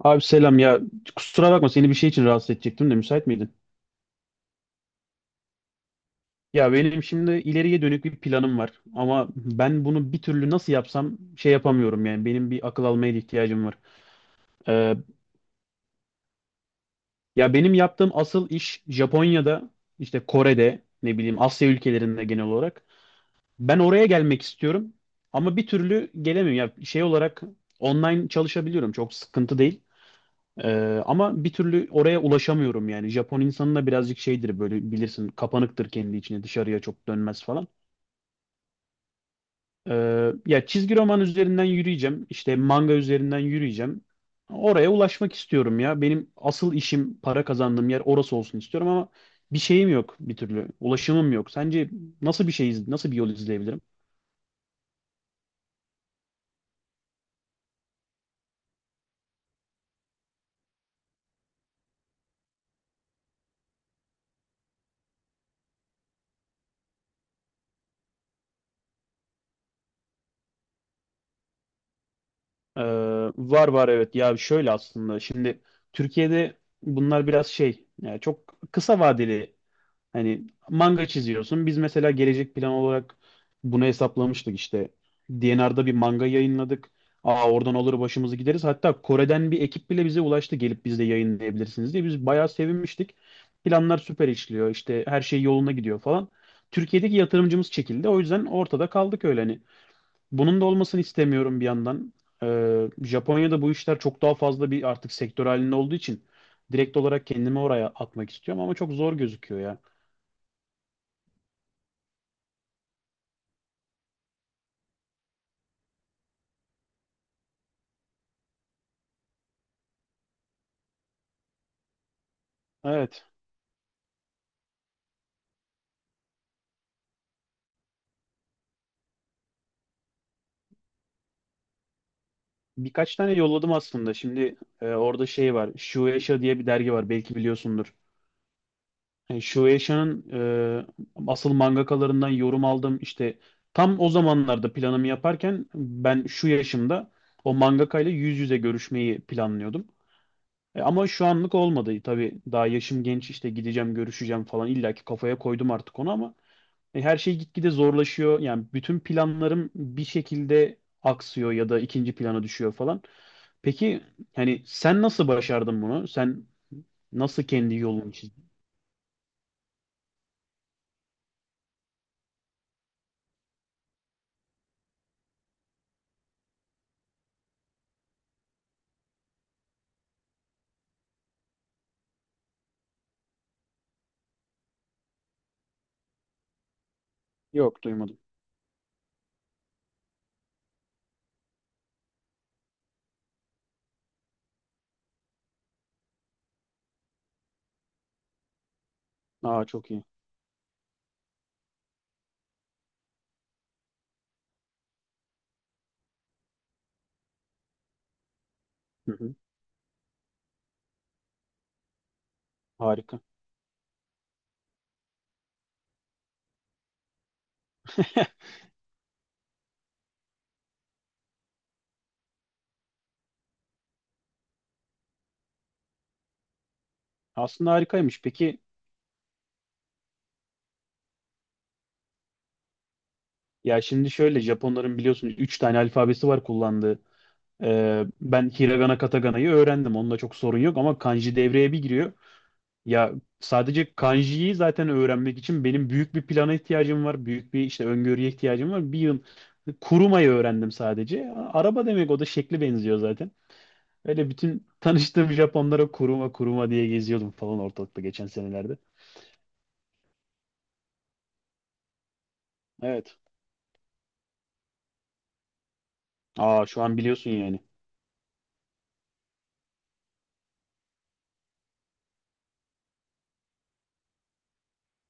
Abi selam ya, kusura bakma seni bir şey için rahatsız edecektim de müsait miydin? Ya benim şimdi ileriye dönük bir planım var ama ben bunu bir türlü nasıl yapsam şey yapamıyorum yani benim bir akıl almaya da ihtiyacım var. Ee, ya benim yaptığım asıl iş Japonya'da işte Kore'de ne bileyim Asya ülkelerinde genel olarak ben oraya gelmek istiyorum ama bir türlü gelemiyorum ya şey olarak online çalışabiliyorum, çok sıkıntı değil. Ama bir türlü oraya ulaşamıyorum yani. Japon insanı da birazcık şeydir, böyle bilirsin, kapanıktır kendi içine, dışarıya çok dönmez falan. Ya çizgi roman üzerinden yürüyeceğim, işte manga üzerinden yürüyeceğim. Oraya ulaşmak istiyorum ya. Benim asıl işim, para kazandığım yer orası olsun istiyorum ama bir şeyim yok bir türlü. Ulaşımım yok. Sence nasıl bir şey nasıl bir yol izleyebilirim? Ee, var var, evet. Ya şöyle, aslında şimdi Türkiye'de bunlar biraz şey, yani çok kısa vadeli, hani manga çiziyorsun. Biz mesela gelecek plan olarak bunu hesaplamıştık işte. DNR'da bir manga yayınladık. Aa oradan olur, başımızı gideriz. Hatta Kore'den bir ekip bile bize ulaştı, gelip biz de yayınlayabilirsiniz diye. Biz bayağı sevinmiştik. Planlar süper işliyor, işte her şey yoluna gidiyor falan. Türkiye'deki yatırımcımız çekildi. O yüzden ortada kaldık öyle hani. Bunun da olmasını istemiyorum bir yandan. Japonya'da bu işler çok daha fazla bir artık sektör halinde olduğu için direkt olarak kendimi oraya atmak istiyorum ama çok zor gözüküyor ya. Evet. Birkaç tane yolladım aslında. Şimdi orada şey var. Shueisha diye bir dergi var. Belki biliyorsundur. Shueisha'nın asıl mangakalarından yorum aldım. İşte tam o zamanlarda planımı yaparken, ben şu yaşımda o mangakayla yüz yüze görüşmeyi planlıyordum. Ama şu anlık olmadı tabii. Daha yaşım genç, işte gideceğim, görüşeceğim falan. İlla ki kafaya koydum artık onu ama her şey gitgide zorlaşıyor. Yani bütün planlarım bir şekilde aksıyor ya da ikinci plana düşüyor falan. Peki hani sen nasıl başardın bunu? Sen nasıl kendi yolunu çizdin? Yok, duymadım. Aa, çok iyi. Hı hı, harika. Aslında harikaymış. Peki, ya şimdi şöyle, Japonların biliyorsunuz 3 tane alfabesi var kullandığı. Ben Hiragana Katagana'yı öğrendim. Onunla çok sorun yok ama kanji devreye bir giriyor. Ya sadece kanjiyi zaten öğrenmek için benim büyük bir plana ihtiyacım var. Büyük bir işte öngörüye ihtiyacım var. Bir yıl kurumayı öğrendim sadece. Araba demek, o da şekli benziyor zaten. Öyle bütün tanıştığım Japonlara kuruma kuruma diye geziyordum falan ortalıkta geçen senelerde. Evet. Aa, şu an biliyorsun yani.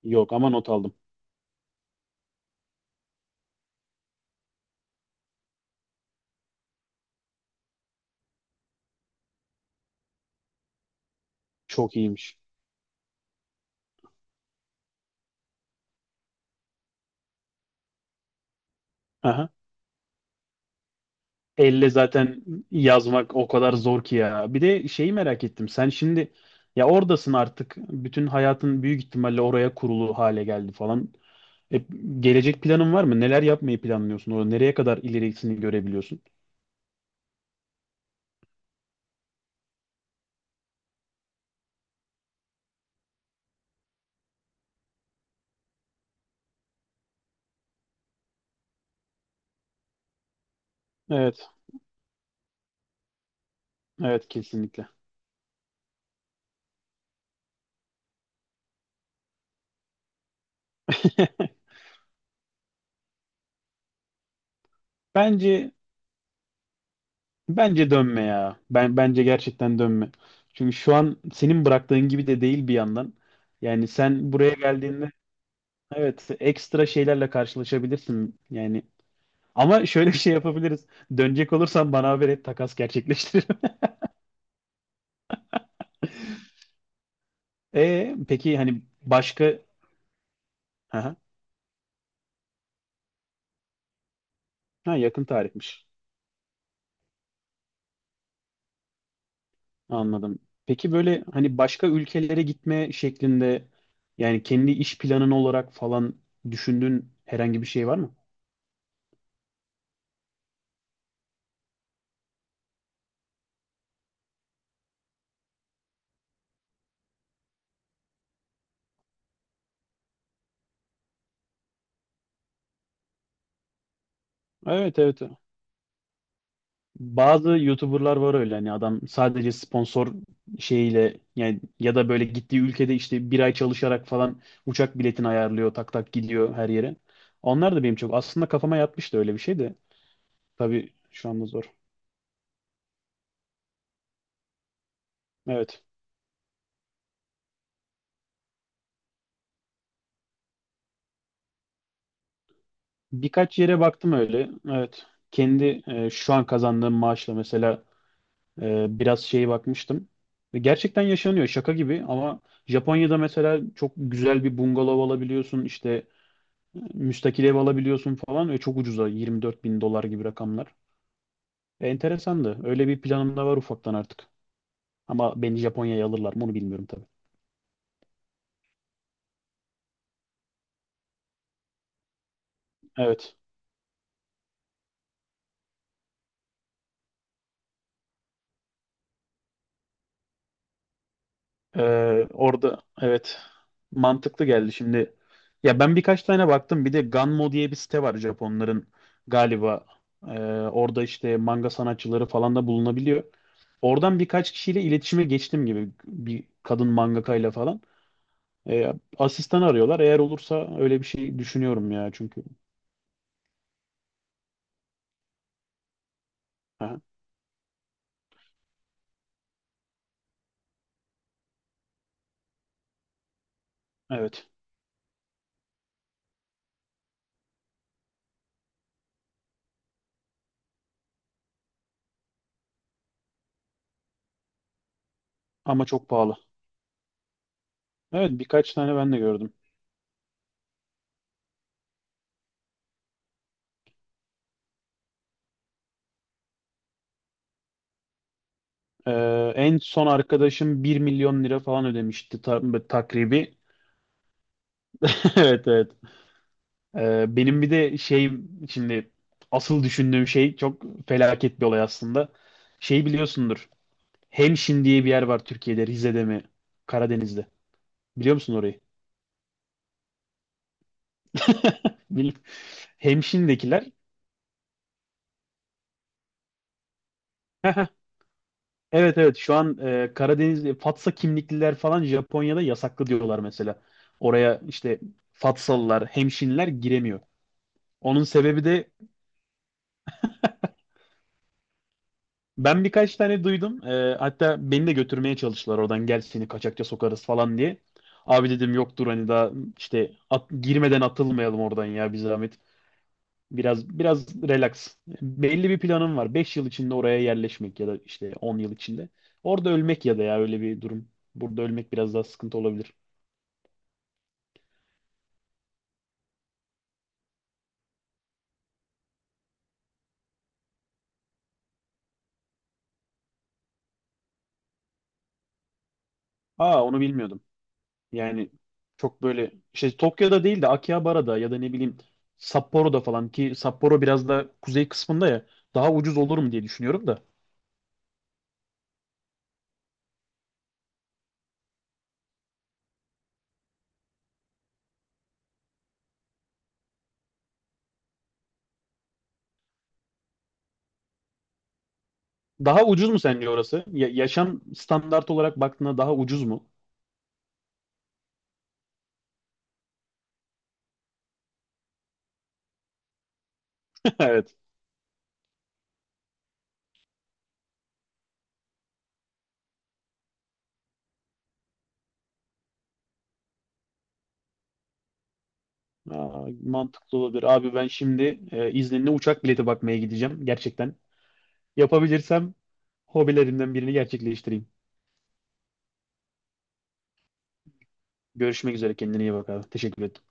Yok, ama not aldım. Çok iyiymiş. Aha. Elle zaten yazmak o kadar zor ki ya. Bir de şeyi merak ettim. Sen şimdi ya oradasın artık. Bütün hayatın büyük ihtimalle oraya kurulu hale geldi falan. E, gelecek planın var mı? Neler yapmayı planlıyorsun? Orada nereye kadar ilerisini görebiliyorsun? Evet, evet kesinlikle. Bence Bence dönme ya. Ben bence gerçekten dönme. Çünkü şu an senin bıraktığın gibi de değil bir yandan. Yani sen buraya geldiğinde, evet, ekstra şeylerle karşılaşabilirsin. Yani ama şöyle bir şey yapabiliriz. Dönecek olursan bana haber et, takas gerçekleştiririm. E peki hani başka, aha. Ha, yakın tarihmiş. Anladım. Peki böyle hani başka ülkelere gitme şeklinde, yani kendi iş planın olarak falan düşündüğün herhangi bir şey var mı? Evet evet. Bazı YouTuber'lar var öyle, hani adam sadece sponsor şeyiyle, yani ya da böyle gittiği ülkede işte bir ay çalışarak falan uçak biletini ayarlıyor, tak tak gidiyor her yere. Onlar da benim çok aslında kafama yatmıştı, öyle bir şey de tabii şu anda zor. Evet. Birkaç yere baktım öyle. Evet. Kendi şu an kazandığım maaşla mesela biraz şeye bakmıştım. Ve gerçekten yaşanıyor, şaka gibi ama Japonya'da mesela çok güzel bir bungalov alabiliyorsun, işte müstakil ev alabiliyorsun falan, ve çok ucuza, 24 bin dolar gibi rakamlar. Enteresandı. Öyle bir planım da var ufaktan artık. Ama beni Japonya'ya alırlar mı onu bilmiyorum tabii. Evet. E, orada evet, mantıklı geldi şimdi. Ya ben birkaç tane baktım. Bir de Ganmo diye bir site var Japonların galiba. Orada işte manga sanatçıları falan da bulunabiliyor. Oradan birkaç kişiyle iletişime geçtim gibi, bir kadın mangakayla falan. E, asistan arıyorlar. Eğer olursa öyle bir şey düşünüyorum ya çünkü. Aha, evet. Ama çok pahalı. Evet, birkaç tane ben de gördüm. E, en son arkadaşım 1 milyon lira falan ödemişti takribi. Evet evet. Benim bir de şey, şimdi asıl düşündüğüm şey çok felaket bir olay aslında. Şey, biliyorsundur. Hemşin diye bir yer var Türkiye'de, Rize'de mi? Karadeniz'de. Biliyor musun orayı? Bil- Hemşin'dekiler. Evet evet, şu an Karadeniz Fatsa kimlikliler falan Japonya'da yasaklı diyorlar mesela. Oraya işte Fatsalılar, hemşinler giremiyor. Onun sebebi de ben birkaç tane duydum. Hatta beni de götürmeye çalıştılar oradan, gel seni kaçakça sokarız falan diye. Abi dedim yoktur hani, daha işte girmeden atılmayalım oradan ya, bir zahmet. Biraz biraz relax. Belli bir planım var. 5 yıl içinde oraya yerleşmek ya da işte 10 yıl içinde. Orada ölmek ya da, ya öyle bir durum. Burada ölmek biraz daha sıkıntı olabilir. Aa, onu bilmiyordum. Yani çok böyle şey Tokyo'da değil de Akihabara'da ya da ne bileyim Sapporo'da falan, ki Sapporo biraz da kuzey kısmında ya, daha ucuz olurum diye düşünüyorum da. Daha ucuz mu sence orası? Yaşam standart olarak baktığında daha ucuz mu? Evet. Aa, mantıklı olabilir. Abi ben şimdi İzninle uçak bileti bakmaya gideceğim gerçekten. Yapabilirsem hobilerimden birini gerçekleştireyim. Görüşmek üzere, kendine iyi bak abi. Teşekkür ederim.